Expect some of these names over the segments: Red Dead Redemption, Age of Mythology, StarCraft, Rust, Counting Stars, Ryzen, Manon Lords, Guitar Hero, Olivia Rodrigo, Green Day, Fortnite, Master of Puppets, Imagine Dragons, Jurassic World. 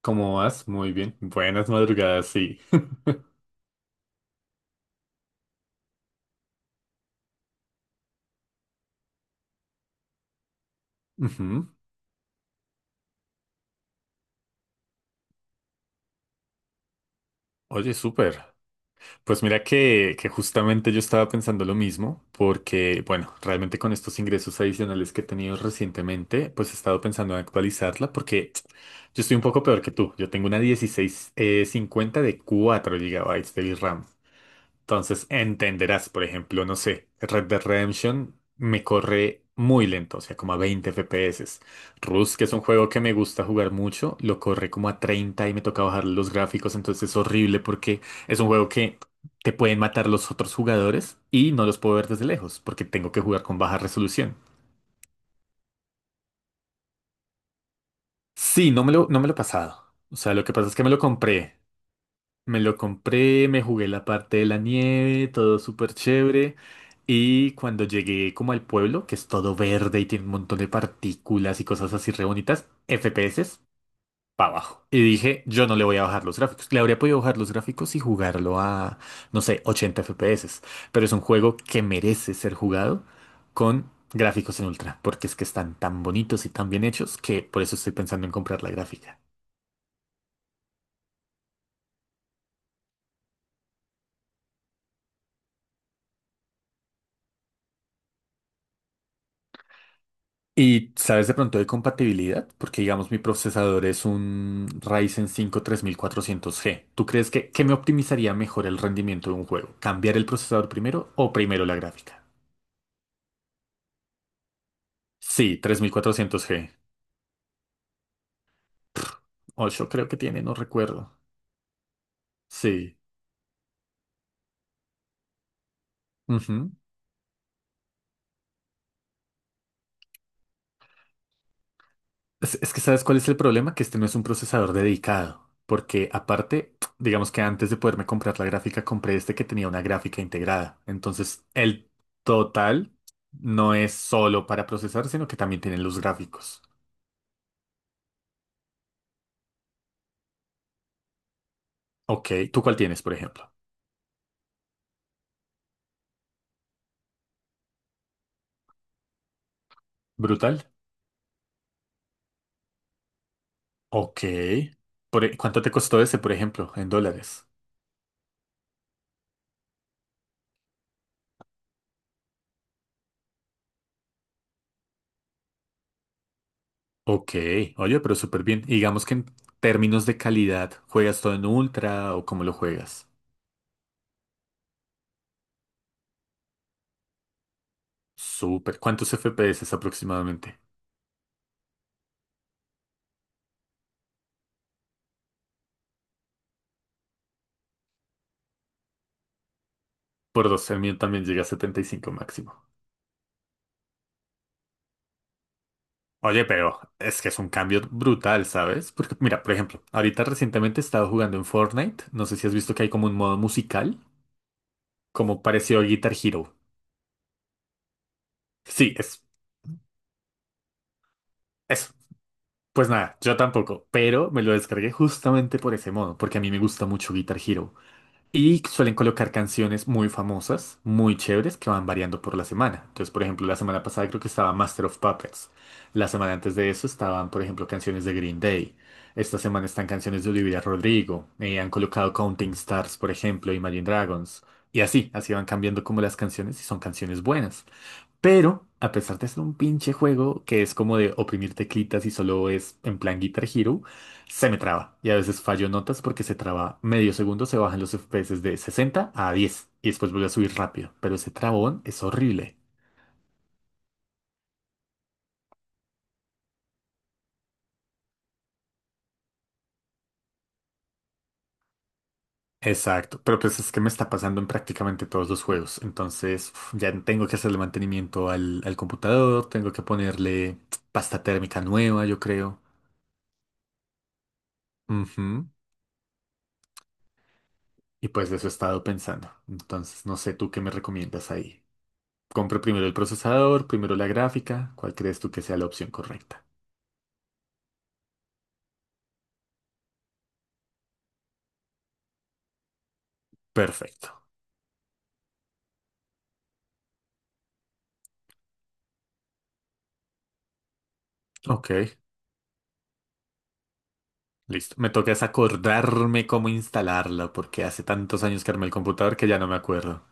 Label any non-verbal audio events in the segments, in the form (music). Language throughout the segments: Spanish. ¿Cómo vas? Muy bien. Buenas madrugadas, sí. (laughs) Ujú. Oye, súper. Pues mira que justamente yo estaba pensando lo mismo, porque, bueno, realmente con estos ingresos adicionales que he tenido recientemente, pues he estado pensando en actualizarla, porque (tsk) yo estoy un poco peor que tú. Yo tengo una dieciséis cincuenta de 4 gigabytes de RAM. Entonces entenderás, por ejemplo, no sé, Red Dead Redemption me corre muy lento, o sea, como a 20 FPS. Rust, que es un juego que me gusta jugar mucho, lo corre como a 30 y me toca bajar los gráficos, entonces es horrible porque es un juego que te pueden matar los otros jugadores y no los puedo ver desde lejos porque tengo que jugar con baja resolución. Sí, no me lo he pasado. O sea, lo que pasa es que me lo compré. Me lo compré, me jugué la parte de la nieve, todo súper chévere. Y cuando llegué como al pueblo, que es todo verde y tiene un montón de partículas y cosas así re bonitas, FPS para abajo. Y dije, yo no le voy a bajar los gráficos. Le habría podido bajar los gráficos y jugarlo a, no sé, 80 FPS. Pero es un juego que merece ser jugado con gráficos en ultra, porque es que están tan bonitos y tan bien hechos que por eso estoy pensando en comprar la gráfica. ¿Y sabes de pronto de compatibilidad? Porque digamos mi procesador es un Ryzen 5 3400 g. ¿Tú crees que qué me optimizaría mejor el rendimiento de un juego? ¿Cambiar el procesador primero o primero la gráfica? Sí, 3400 g. 8 creo que tiene, no recuerdo. Sí. Ujú. Es que, ¿sabes cuál es el problema? Que este no es un procesador dedicado. Porque aparte, digamos que antes de poderme comprar la gráfica, compré este que tenía una gráfica integrada. Entonces, el total no es solo para procesar, sino que también tienen los gráficos. Ok, ¿tú cuál tienes, por ejemplo? ¿Brutal? Ok. Por e- ¿cuánto te costó ese, por ejemplo, en dólares? Ok, oye, pero súper bien. Y digamos que en términos de calidad, ¿juegas todo en ultra o cómo lo juegas? Súper. ¿Cuántos FPS aproximadamente? Por 12 mil también llega a 75 máximo. Oye, pero es que es un cambio brutal, ¿sabes? Porque mira, por ejemplo, ahorita recientemente he estado jugando en Fortnite. No sé si has visto que hay como un modo musical, como parecido a Guitar Hero. Sí, es eso. Pues nada, yo tampoco, pero me lo descargué justamente por ese modo, porque a mí me gusta mucho Guitar Hero. Y suelen colocar canciones muy famosas, muy chéveres, que van variando por la semana. Entonces, por ejemplo, la semana pasada creo que estaba Master of Puppets. La semana antes de eso estaban, por ejemplo, canciones de Green Day. Esta semana están canciones de Olivia Rodrigo. Han colocado Counting Stars, por ejemplo, Imagine Dragons. Y así, así van cambiando como las canciones y son canciones buenas. Pero, a pesar de ser un pinche juego que es como de oprimir teclitas y solo es en plan Guitar Hero, se me traba. Y a veces fallo notas porque se traba medio segundo, se bajan los FPS de 60 a 10 y después vuelve a subir rápido. Pero ese trabón es horrible. Exacto, pero pues es que me está pasando en prácticamente todos los juegos. Entonces, uf, ya tengo que hacerle mantenimiento al computador, tengo que ponerle pasta térmica nueva, yo creo. Ujú. Y pues de eso he estado pensando. Entonces, no sé, ¿tú qué me recomiendas ahí? Compro primero el procesador, primero la gráfica. ¿Cuál crees tú que sea la opción correcta? Perfecto. Ok, listo. Me toca es acordarme cómo instalarla, porque hace tantos años que armé el computador que ya no me acuerdo.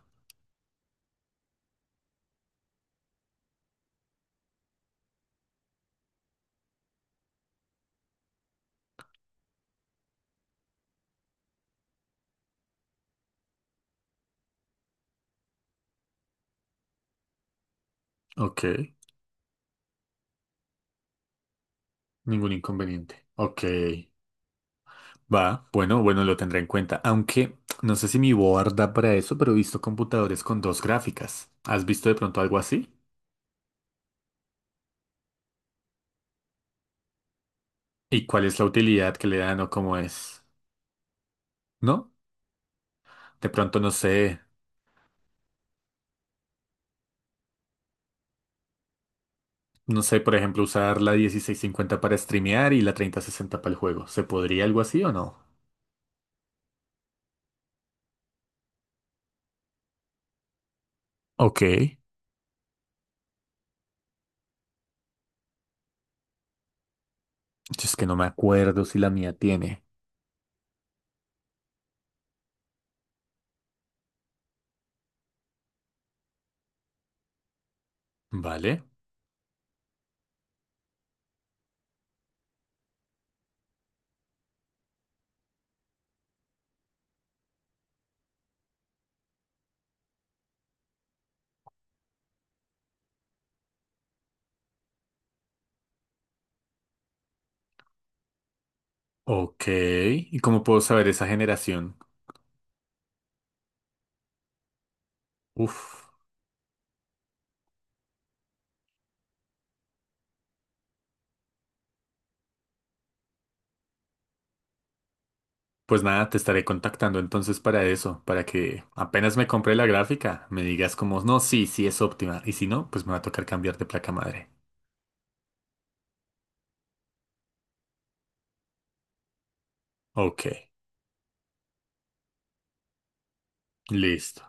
Ok, ningún inconveniente. Ok, va. Bueno, bueno, lo tendré en cuenta. Aunque no sé si mi board da para eso, pero he visto computadores con dos gráficas. ¿Has visto de pronto algo así? ¿Y cuál es la utilidad que le dan o cómo es? ¿No? De pronto no sé. No sé, por ejemplo, usar la 1650 para streamear y la 3060 para el juego. ¿Se podría algo así o no? Ok. Yo Es que no me acuerdo si la mía tiene. Vale. Ok. ¿Y cómo puedo saber esa generación? Uf. Pues nada, te estaré contactando entonces para eso, para que apenas me compre la gráfica, me digas como, no, sí, sí es óptima. Y si no, pues me va a tocar cambiar de placa madre. Ok. Listo.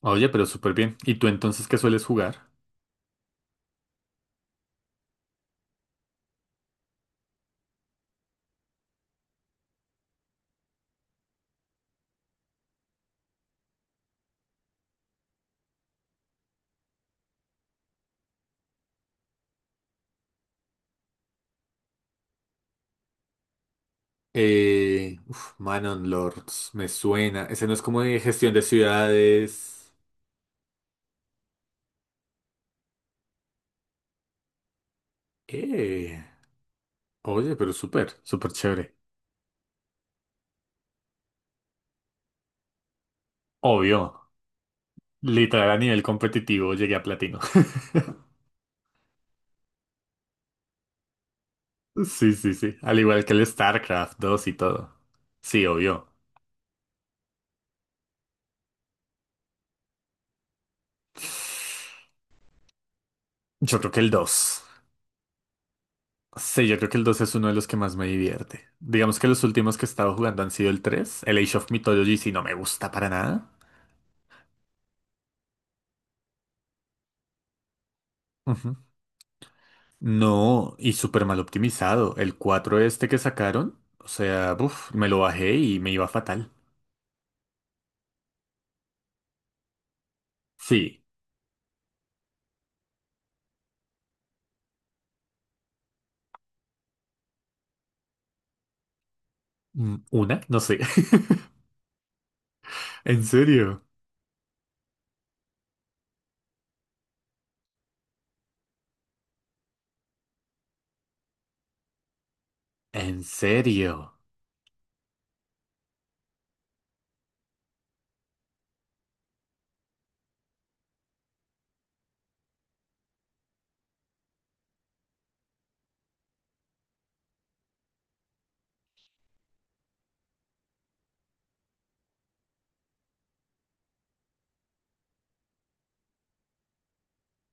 Oye, pero súper bien. ¿Y tú entonces qué sueles jugar? Uf, Manon Lords, me suena. Ese no es como de gestión de ciudades. Eh, oye, pero súper, súper chévere. Obvio, literal a nivel competitivo llegué a platino. (laughs) Sí, sí, sí. Al igual que el StarCraft 2 y todo. Sí, obvio. Yo creo que el dos. Sí, yo creo que el dos es uno de los que más me divierte. Digamos que los últimos que he estado jugando han sido el tres. El Age of Mythology sí no me gusta para nada. No, y súper mal optimizado. El cuatro este que sacaron, o sea, uf, me lo bajé y me iba fatal. Sí, mm, una, no sé. (laughs) ¿En serio? ¿En serio?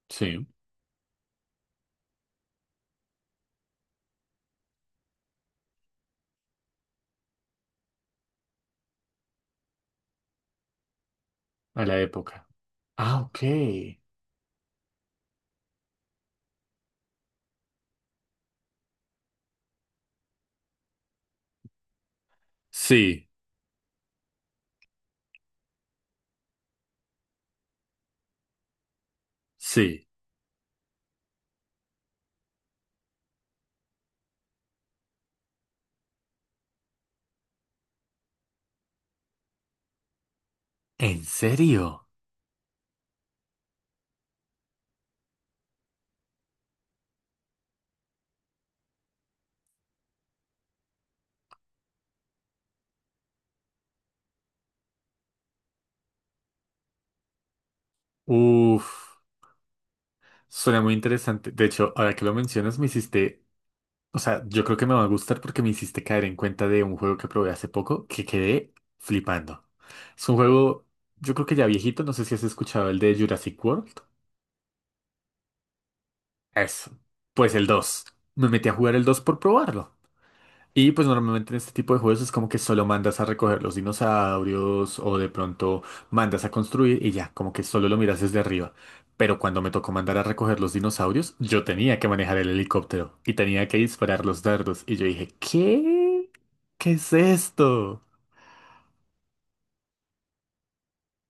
Sí, a la época. Ah, ok. Sí, sí. ¿En serio? Uf, suena muy interesante. De hecho, ahora que lo mencionas, me hiciste. O sea, yo creo que me va a gustar porque me hiciste caer en cuenta de un juego que probé hace poco que quedé flipando. Es un juego, yo creo que ya viejito, no sé si has escuchado el de Jurassic World. Eso. Pues el 2. Me metí a jugar el 2 por probarlo. Y pues normalmente en este tipo de juegos es como que solo mandas a recoger los dinosaurios o de pronto mandas a construir y ya, como que solo lo miras desde arriba. Pero cuando me tocó mandar a recoger los dinosaurios, yo tenía que manejar el helicóptero y tenía que disparar los dardos. Y yo dije, ¿qué? ¿Qué es esto?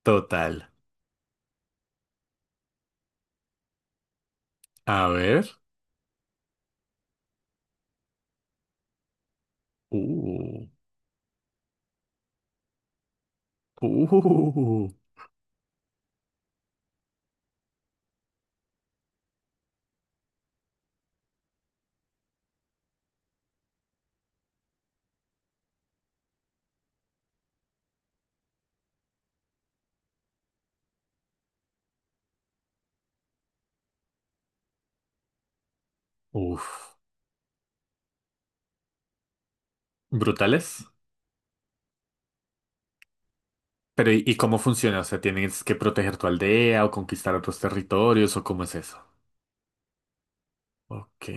Total. A ver. Uh, uh, uf. Brutales. Pero ¿y cómo funciona? O sea, ¿tienes que proteger tu aldea o conquistar otros territorios o cómo es eso? Ok.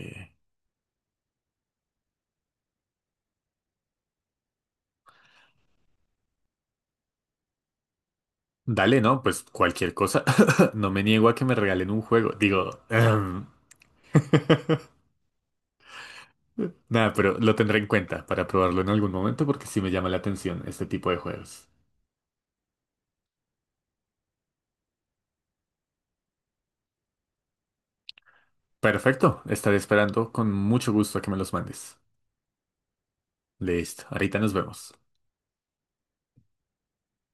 Dale, no, pues cualquier cosa. (laughs) No me niego a que me regalen un juego. Digo, (laughs) nada, pero lo tendré en cuenta para probarlo en algún momento porque sí me llama la atención este tipo de juegos. Perfecto, estaré esperando con mucho gusto a que me los mandes. Listo, ahorita nos vemos.